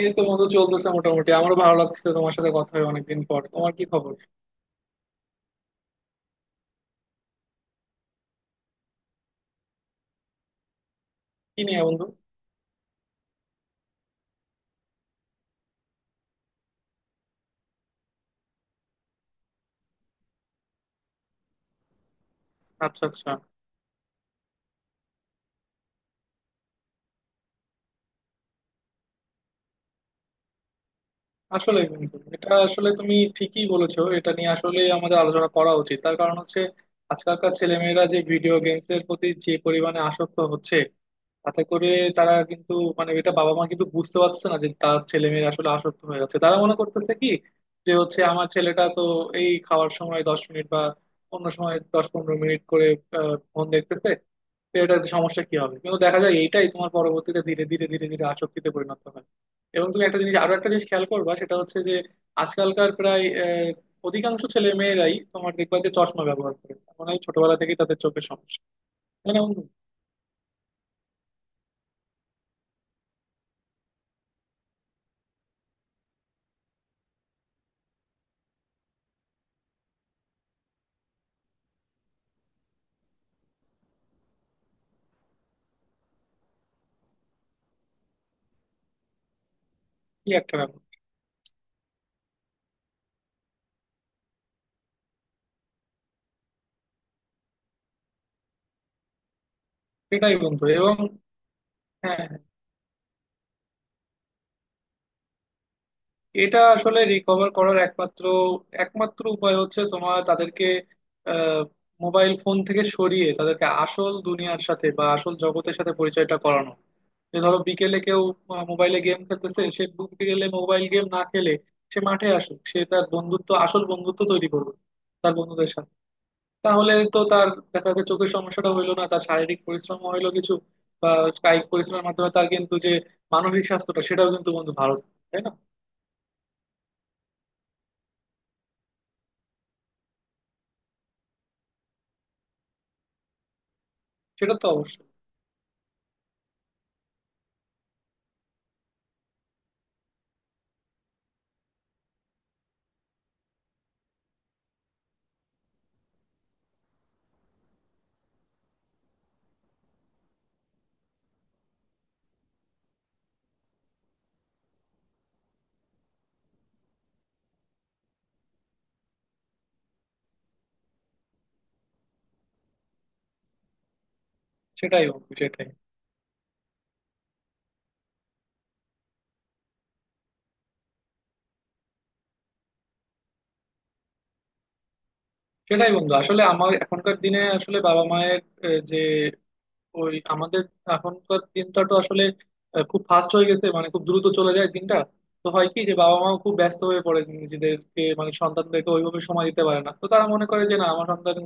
এই তো বন্ধু, চলতেছে মোটামুটি। আমারও ভালো লাগছে, তোমার সাথে কথা হয় অনেকদিন পর। তোমার কি খবর? কি নিয়ে বন্ধু? আচ্ছা আচ্ছা। আসলে বন্ধু, এটা আসলে তুমি ঠিকই বলেছো, এটা নিয়ে আসলে আমাদের আলোচনা করা উচিত। তার কারণ হচ্ছে, আজকালকার ছেলেমেয়েরা যে ভিডিও গেমস এর প্রতি যে পরিমাণে আসক্ত হচ্ছে, তাতে করে তারা কিন্তু, মানে এটা বাবা মা কিন্তু বুঝতে পারছে না যে তার ছেলে মেয়েরা আসলে আসক্ত হয়ে যাচ্ছে। তারা মনে করতেছে কি, যে হচ্ছে আমার ছেলেটা তো এই খাওয়ার সময় 10 মিনিট বা অন্য সময় 10-15 মিনিট করে ফোন দেখতেছে। তো এটাতে সমস্যা কি হবে, কিন্তু দেখা যায় এইটাই তোমার পরবর্তীতে ধীরে ধীরে ধীরে ধীরে আসক্তিতে পরিণত হয়। এবং তুমি একটা জিনিস, আরো একটা জিনিস খেয়াল করবা, সেটা হচ্ছে যে আজকালকার প্রায় অধিকাংশ ছেলে মেয়েরাই তোমার দেখবা যে চশমা ব্যবহার করে। মানে ছোটবেলা থেকেই তাদের চোখের সমস্যা। মানে বন্ধু, কি একটা ব্যাপার! সেটাই বন্ধু। এবং হ্যাঁ হ্যাঁ, এটা আসলে রিকভার করার একমাত্র একমাত্র উপায় হচ্ছে তোমার তাদেরকে আহ মোবাইল ফোন থেকে সরিয়ে তাদেরকে আসল দুনিয়ার সাথে বা আসল জগতের সাথে পরিচয়টা করানো। যে ধরো, বিকেলে কেউ মোবাইলে গেম খেলতেছে, সে বিকেলে মোবাইল গেম না খেলে সে মাঠে আসুক, সে তার বন্ধুত্ব, আসল বন্ধুত্ব তৈরি করবে তার বন্ধুদের সাথে। তাহলে তো তার দেখা যাচ্ছে চোখের সমস্যাটা হইলো না, তার শারীরিক পরিশ্রম হইলো কিছু, বা কায়িক পরিশ্রমের মাধ্যমে তার কিন্তু যে মানসিক স্বাস্থ্যটা, সেটাও কিন্তু বন্ধু ভালো থাকবে, তাই না? সেটা তো অবশ্যই। সেটাই বন্ধু সেটাই। সেটাই বন্ধু, আসলে আমার এখনকার দিনে আসলে বাবা মায়ের যে ওই আমাদের এখনকার দিনটা তো আসলে খুব ফাস্ট হয়ে গেছে, মানে খুব দ্রুত চলে যায় দিনটা। তো হয় কি, যে বাবা মাও খুব ব্যস্ত হয়ে পড়ে নিজেদেরকে, মানে সন্তানদেরকে ওইভাবে সময় দিতে পারে না। তো তারা মনে করে যে না, আমার সন্তান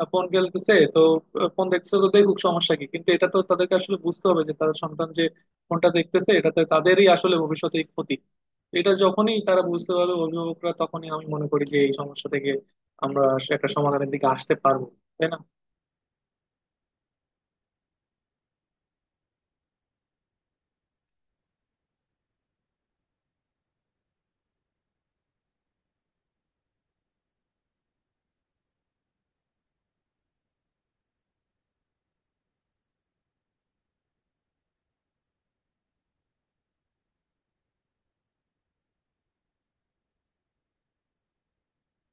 ফোন খেলতেছে তো ফোন দেখছে তো দেখুক, সমস্যা কি। কিন্তু এটা তো তাদেরকে আসলে বুঝতে হবে যে তাদের সন্তান যে ফোনটা দেখতেছে এটাতে তাদেরই আসলে ভবিষ্যতে ক্ষতি। তো এটা যখনই তারা বুঝতে পারবে, অভিভাবকরা, তখনই আমি মনে করি যে এই সমস্যা থেকে আমরা একটা সমাধানের দিকে আসতে পারবো, তাই না?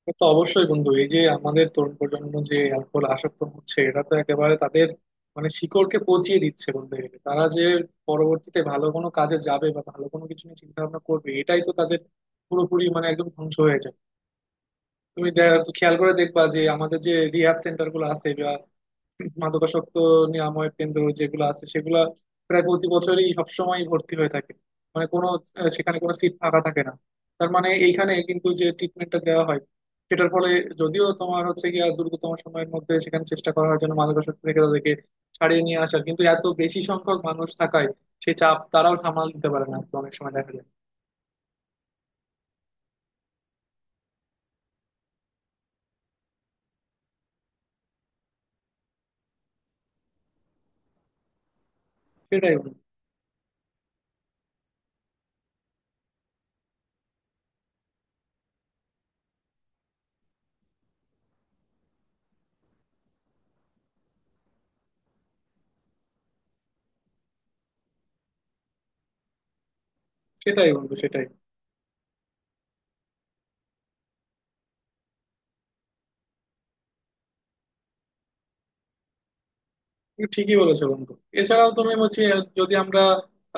সে তো অবশ্যই বন্ধু। এই যে আমাদের তরুণ প্রজন্ম যে অ্যালকোহল আসক্ত হচ্ছে, এটা তো একেবারে তাদের মানে শিকড়কে পচিয়ে দিচ্ছে বলতে গেলে। তারা যে পরবর্তীতে ভালো কোনো কাজে যাবে বা ভালো কোনো কিছু নিয়ে চিন্তা ভাবনা করবে, এটাই তো তাদের পুরোপুরি, মানে একদম ধ্বংস হয়ে যায়। তুমি খেয়াল করে দেখবা যে আমাদের যে রিহ্যাব সেন্টার গুলো আছে, বা মাদকাসক্ত নিরাময় কেন্দ্র যেগুলো আছে, সেগুলা প্রায় প্রতি বছরই সবসময় ভর্তি হয়ে থাকে। মানে কোনো সেখানে কোনো সিট ফাঁকা থাকে না। তার মানে এইখানে কিন্তু যে ট্রিটমেন্টটা দেওয়া হয় সেটার ফলে, যদিও তোমার হচ্ছে গিয়া দ্রুততম সময়ের মধ্যে সেখানে চেষ্টা করা হয় যেন মাদকাসক্ত থেকে তাদেরকে ছাড়িয়ে নিয়ে আসার, কিন্তু এত বেশি সংখ্যক মানুষ থাকায় সে চাপ তারাও সামাল দিতে পারে না অনেক সময় দেখা যায়। সেটাই বন্ধু সেটাই। বন্ধু সেটাই, তুমি ঠিকই বলেছো বন্ধু। এছাড়াও তুমি হচ্ছে, যদি আমরা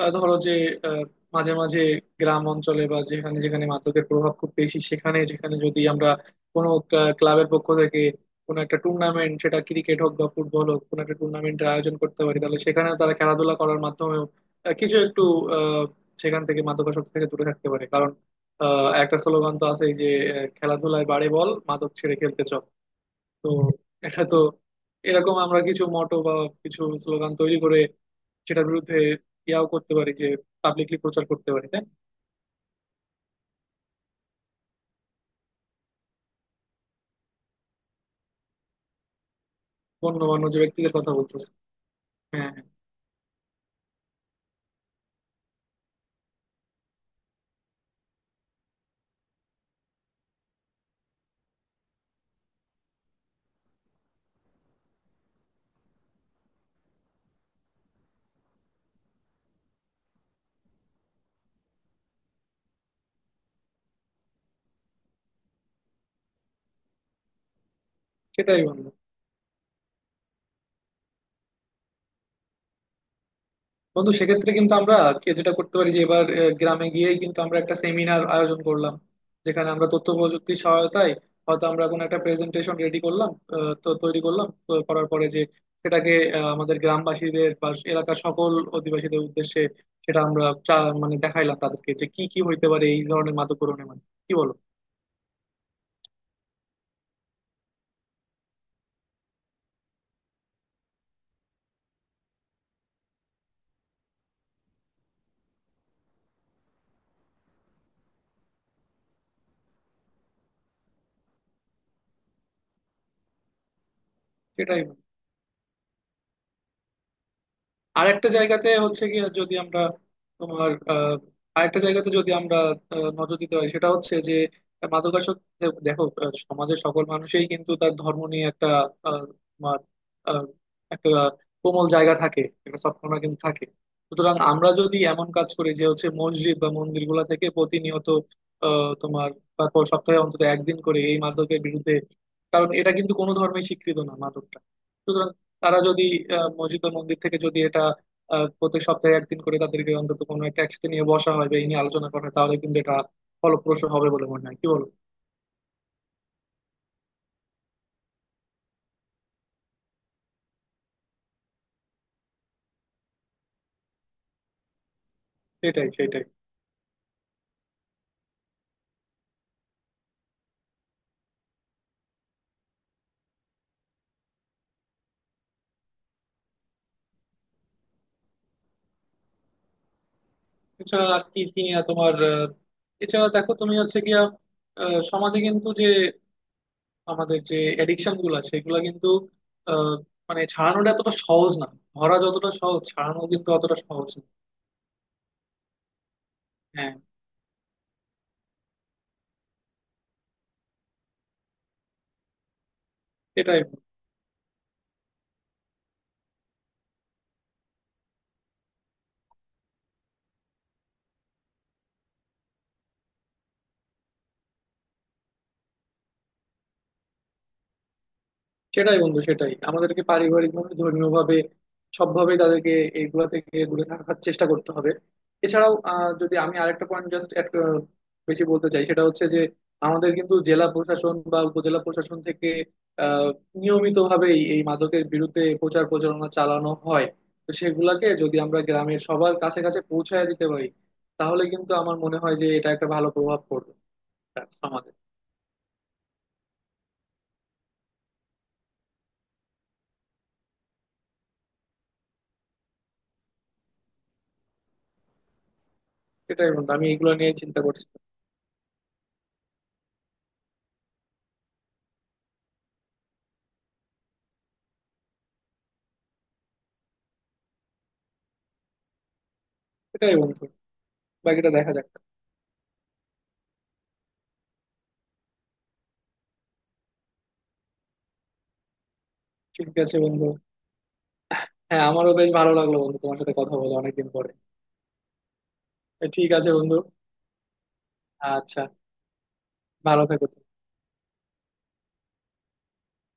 ধরো যে আহ, মাঝে মাঝে গ্রাম অঞ্চলে, বা যেখানে যেখানে মাদকের প্রভাব খুব বেশি সেখানে, যেখানে যদি আমরা কোনো ক্লাবের পক্ষ থেকে কোনো একটা টুর্নামেন্ট, সেটা ক্রিকেট হোক বা ফুটবল হোক, কোনো একটা টুর্নামেন্টের আয়োজন করতে পারি, তাহলে সেখানেও তারা খেলাধুলা করার মাধ্যমেও কিছু একটু আহ, সেখান থেকে মাদকাসক্তি থেকে দূরে থাকতে পারে। কারণ একটা স্লোগান তো আছেই যে, খেলাধুলায় বাড়ে বল, মাদক ছেড়ে খেলতে চল। তো এটা তো এরকম আমরা কিছু মোটো বা কিছু স্লোগান তৈরি করে সেটার বিরুদ্ধে ইয়াও করতে পারি, যে পাবলিকলি প্রচার করতে পারি, তাই না? গণ্যমান্য যে ব্যক্তিদের কথা বলতেছে। হ্যাঁ হ্যাঁ। সেটাই বন্ধু। বন্ধু, সেক্ষেত্রে কিন্তু আমরা কে যেটা করতে পারি, যে এবার গ্রামে গিয়েই কিন্তু আমরা একটা সেমিনার আয়োজন করলাম, যেখানে আমরা তথ্য প্রযুক্তির সহায়তায় হয়তো আমরা কোনো একটা প্রেজেন্টেশন রেডি করলাম, তো তৈরি করলাম, তো করার পরে যে সেটাকে আমাদের গ্রামবাসীদের বা এলাকার সকল অধিবাসীদের উদ্দেশ্যে সেটা আমরা মানে দেখাইলাম তাদেরকে যে কি কি হইতে পারে এই ধরনের মাদক মাধ্যমে। কি বলো? সেটাই। আর একটা জায়গাতে হচ্ছে কি, যদি আমরা তোমার আরেকটা জায়গাতে যদি আমরা নজর দিতে পারি, সেটা হচ্ছে যে মাদকাসক্ত দেখো, সমাজের সকল মানুষই কিন্তু তার ধর্ম নিয়ে একটা আহ, তোমার আহ, একটা কোমল জায়গা থাকে, একটা সবকণা কিন্তু থাকে। সুতরাং আমরা যদি এমন কাজ করি যে হচ্ছে মসজিদ বা মন্দিরগুলো থেকে প্রতিনিয়ত তোমার সপ্তাহে অন্তত একদিন করে এই মাদকের বিরুদ্ধে, কারণ এটা কিন্তু কোনো ধর্মেই স্বীকৃত না মাদকটা। সুতরাং তারা যদি মসজিদ ও মন্দির থেকে যদি এটা প্রত্যেক সপ্তাহে একদিন করে তাদেরকে অন্তত কোনো একটা একসাথে নিয়ে বসা হয় বা এই নিয়ে আলোচনা করা হয়, তাহলে কিন্তু এটা ফলপ্রসূ হবে বলে মনে হয়, কি বলো? সেটাই সেটাই। এছাড়া আর কি কি নিয়ে তোমার এছাড়া দেখো তুমি হচ্ছে গিয়া সমাজে কিন্তু যে আমাদের যে এডিকশন গুলা, সেগুলা কিন্তু আহ, মানে ছাড়ানোটা এতটা সহজ না। ধরা যতটা সহজ, ছাড়ানো কিন্তু অতটা সহজ না। হ্যাঁ এটাই। সেটাই বন্ধু সেটাই, আমাদেরকে পারিবারিক ভাবে, ধর্মীয় ভাবে, সবভাবে তাদেরকে এইগুলা থেকে দূরে থাকার চেষ্টা করতে হবে। এছাড়াও যদি আমি আরেকটা পয়েন্ট জাস্ট বেশি বলতে চাই, সেটা হচ্ছে যে আমাদের কিন্তু জেলা প্রশাসন বা উপজেলা প্রশাসন থেকে আহ নিয়মিতভাবেই এই মাদকের বিরুদ্ধে প্রচার প্রচারণা চালানো হয়। তো সেগুলাকে যদি আমরা গ্রামের সবার কাছে কাছে পৌঁছায় দিতে পারি, তাহলে কিন্তু আমার মনে হয় যে এটা একটা ভালো প্রভাব পড়বে তার সমাজে। সেটাই বন্ধু, আমি এগুলো নিয়ে চিন্তা করছি। এটাই বন্ধু, বাকিটা দেখা যাক। ঠিক আছে বন্ধু। হ্যাঁ আমারও বেশ ভালো লাগলো বন্ধু, তোমার সাথে কথা বলে অনেকদিন পরে। ঠিক আছে বন্ধু। আচ্ছা, ভালো থেকো তুমি।